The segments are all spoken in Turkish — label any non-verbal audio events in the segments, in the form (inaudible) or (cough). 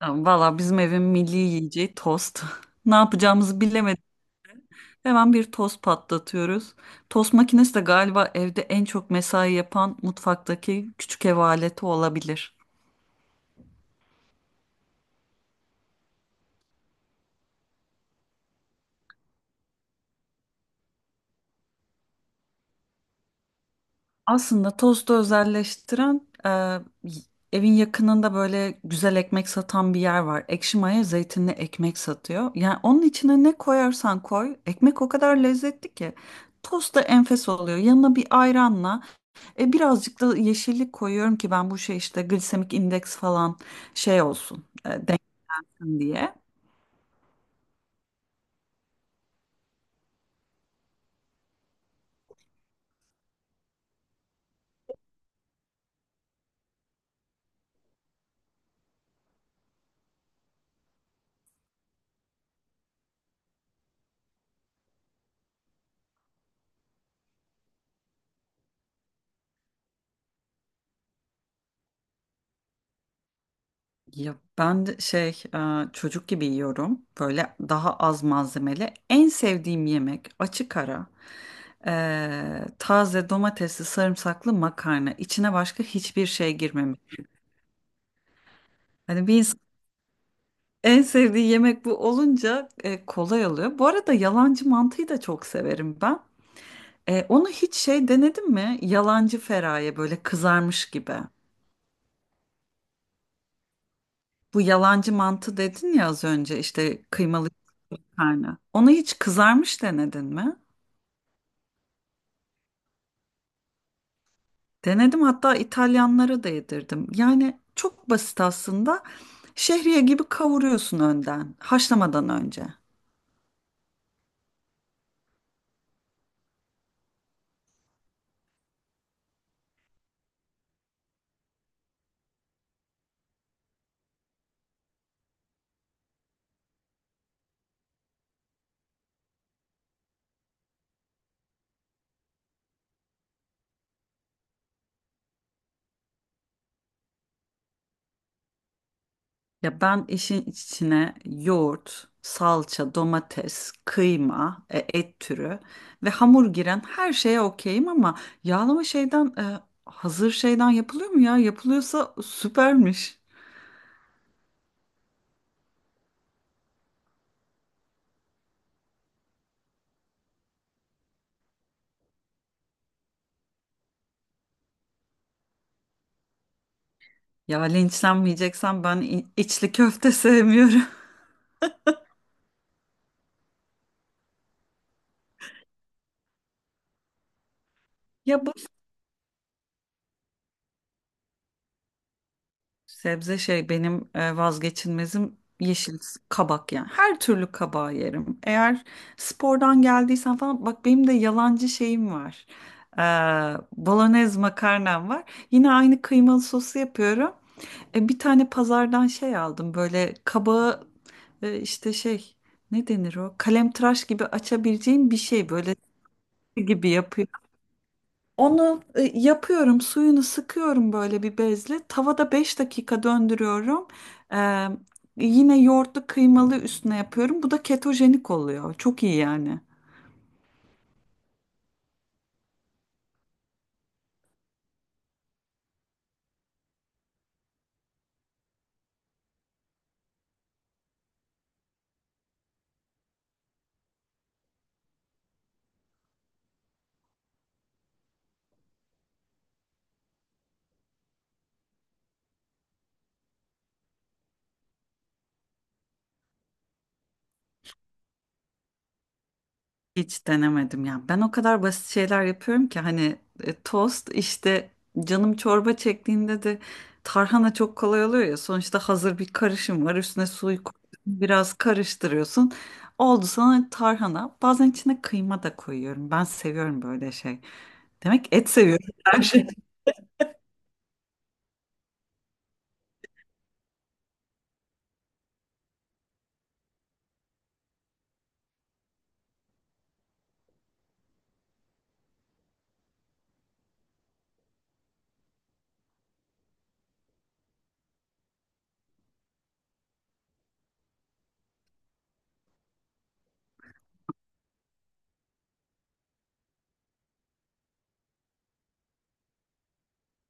Tamam. Valla, bizim evin milli yiyeceği tost. (laughs) Ne yapacağımızı bilemedik. Hemen bir tost patlatıyoruz. Tost makinesi de galiba evde en çok mesai yapan mutfaktaki küçük ev aleti olabilir. Aslında tostu özelleştiren evin yakınında böyle güzel ekmek satan bir yer var. Ekşi maya zeytinli ekmek satıyor. Yani onun içine ne koyarsan koy ekmek o kadar lezzetli ki. Tost da enfes oluyor. Yanına bir ayranla birazcık da yeşillik koyuyorum ki ben bu şey işte glisemik indeks falan şey olsun, dengesin diye. Ya ben de çocuk gibi yiyorum, böyle daha az malzemeli. En sevdiğim yemek açık ara taze domatesli sarımsaklı makarna, içine başka hiçbir şey girmemiş. Hani bir insan en sevdiği yemek bu olunca kolay oluyor. Bu arada yalancı mantıyı da çok severim ben. Onu hiç şey denedin mi? Yalancı feraye, böyle kızarmış gibi. Bu yalancı mantı dedin ya az önce, işte kıymalı karnı. Onu hiç kızarmış denedin mi? Denedim, hatta İtalyanlara da yedirdim. Yani çok basit aslında. Şehriye gibi kavuruyorsun önden, haşlamadan önce. Ya ben işin içine yoğurt, salça, domates, kıyma, et türü ve hamur giren her şeye okeyim, ama yağlama hazır şeyden yapılıyor mu ya? Yapılıyorsa süpermiş. Ya, linçlenmeyeceksem ben içli köfte sevmiyorum. (laughs) Ya, sebze şey benim vazgeçilmezim, yeşil kabak yani. Her türlü kabağı yerim. Eğer spordan geldiysen falan, bak benim de yalancı şeyim var. Ee, Bolognese makarnam var. Yine aynı kıymalı sosu yapıyorum. Bir tane pazardan şey aldım, böyle kabağı, e, işte şey ne denir o? Kalemtıraş gibi açabileceğim bir şey, böyle gibi yapıyorum. Onu yapıyorum, suyunu sıkıyorum böyle bir bezle. Tavada 5 dakika döndürüyorum. Ee, Yine yoğurtlu kıymalı üstüne yapıyorum. Bu da ketojenik oluyor. Çok iyi yani. Hiç denemedim ya. Ben o kadar basit şeyler yapıyorum ki, hani tost işte, canım çorba çektiğinde de tarhana çok kolay oluyor ya. Sonuçta hazır bir karışım var. Üstüne suyu koyuyorsun, biraz karıştırıyorsun. Oldu sana tarhana. Bazen içine kıyma da koyuyorum. Ben seviyorum böyle şey. Demek et seviyorum (laughs) her şey.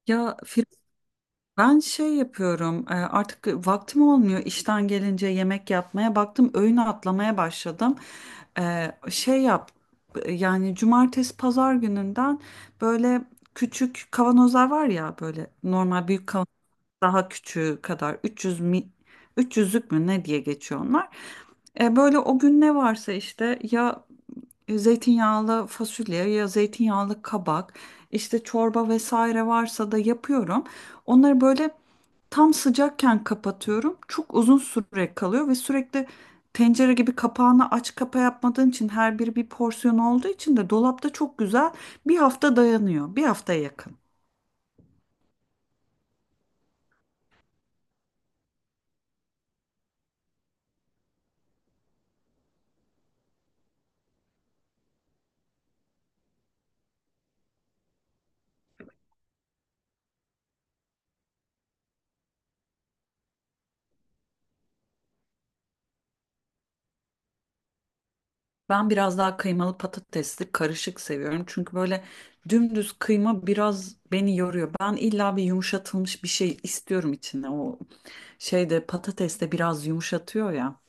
Ya Firuze, ben şey yapıyorum, artık vaktim olmuyor işten gelince yemek yapmaya, baktım öğün atlamaya başladım. E, şey yap Yani cumartesi pazar gününden böyle küçük kavanozlar var ya, böyle normal büyük kavanozlar. Daha küçüğü kadar, 300 mi 300'lük mü ne diye geçiyor onlar. Böyle o gün ne varsa, işte ya zeytinyağlı fasulye, ya zeytinyağlı kabak, işte çorba vesaire varsa da yapıyorum. Onları böyle tam sıcakken kapatıyorum. Çok uzun süre kalıyor ve sürekli tencere gibi kapağını aç kapa yapmadığın için, her biri bir porsiyon olduğu için de dolapta çok güzel bir hafta dayanıyor. Bir haftaya yakın. Ben biraz daha kıymalı patatesli karışık seviyorum. Çünkü böyle dümdüz kıyma biraz beni yoruyor. Ben illa bir yumuşatılmış bir şey istiyorum içinde. O şeyde patates de biraz yumuşatıyor ya.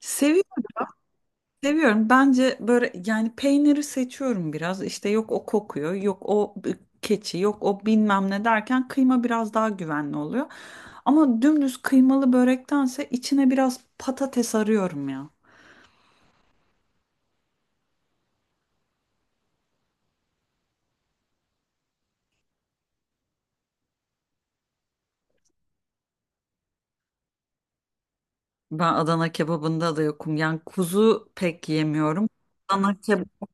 Seviyorum, seviyorum. Bence böyle, yani peyniri seçiyorum biraz. İşte yok o kokuyor, yok o keçi, yok o bilmem ne derken kıyma biraz daha güvenli oluyor. Ama dümdüz kıymalı börektense içine biraz patates arıyorum ya. Ben Adana kebabında da yokum. Yani kuzu pek yemiyorum. Adana kebap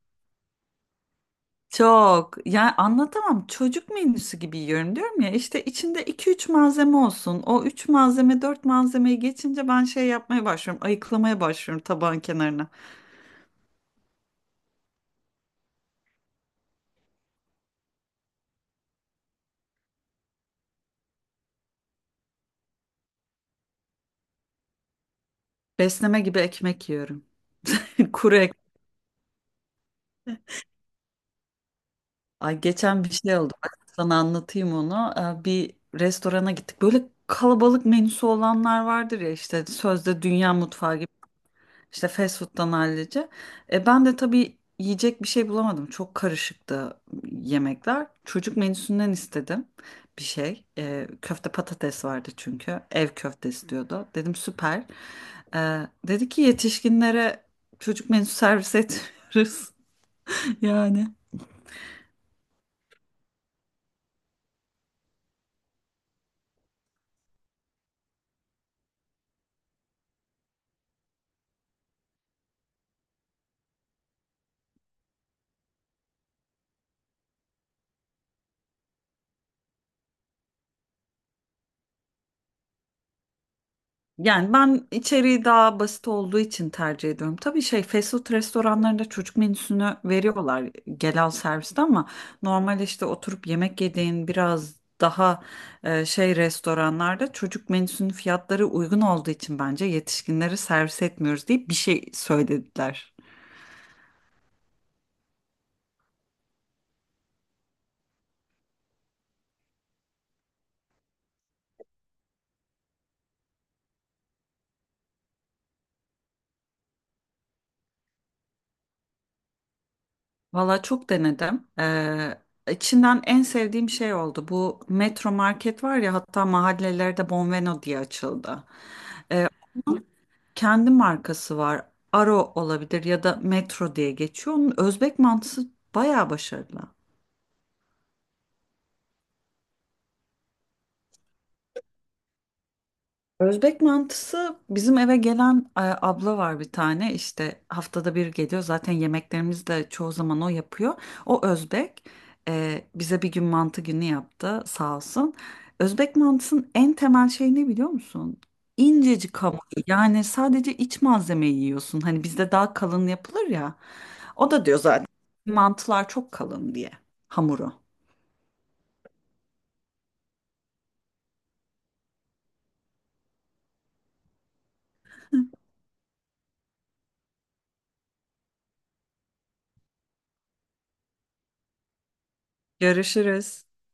çok, yani anlatamam. Çocuk menüsü gibi yiyorum diyorum ya. İşte içinde iki üç malzeme olsun. O 3 malzeme 4 malzemeyi geçince ben şey yapmaya başlıyorum, ayıklamaya başlıyorum tabağın kenarına. Besleme gibi ekmek yiyorum. (laughs) Kuru ekmek. Ay, geçen bir şey oldu. Bak sana anlatayım onu. Bir restorana gittik. Böyle kalabalık menüsü olanlar vardır ya, işte sözde dünya mutfağı gibi. İşte fast food'dan hallice. Ben de tabii yiyecek bir şey bulamadım. Çok karışıktı yemekler. Çocuk menüsünden istedim bir şey. Köfte patates vardı çünkü. Ev köftesi diyordu. Dedim süper. E, Dedi ki yetişkinlere çocuk menüsü servis etmiyoruz. (laughs) Yani. Yani ben içeriği daha basit olduğu için tercih ediyorum. Tabii şey, fast food restoranlarında çocuk menüsünü veriyorlar gel al serviste, ama normal işte oturup yemek yediğin biraz daha şey restoranlarda çocuk menüsünün fiyatları uygun olduğu için bence yetişkinlere servis etmiyoruz diye bir şey söylediler. Valla çok denedim. İçinden en sevdiğim şey oldu. Bu Metro Market var ya, hatta mahallelerde Bonveno diye açıldı. Kendi markası var. Aro olabilir ya da Metro diye geçiyor. Onun Özbek mantısı bayağı başarılı. Özbek mantısı, bizim eve gelen abla var bir tane, işte haftada bir geliyor, zaten yemeklerimizi de çoğu zaman o yapıyor. O Özbek, bize bir gün mantı günü yaptı sağ olsun. Özbek mantısının en temel şey ne biliyor musun? İncecik hamur, yani sadece iç malzemeyi yiyorsun, hani bizde daha kalın yapılır ya. O da diyor zaten mantılar çok kalın diye, hamuru. Görüşürüz.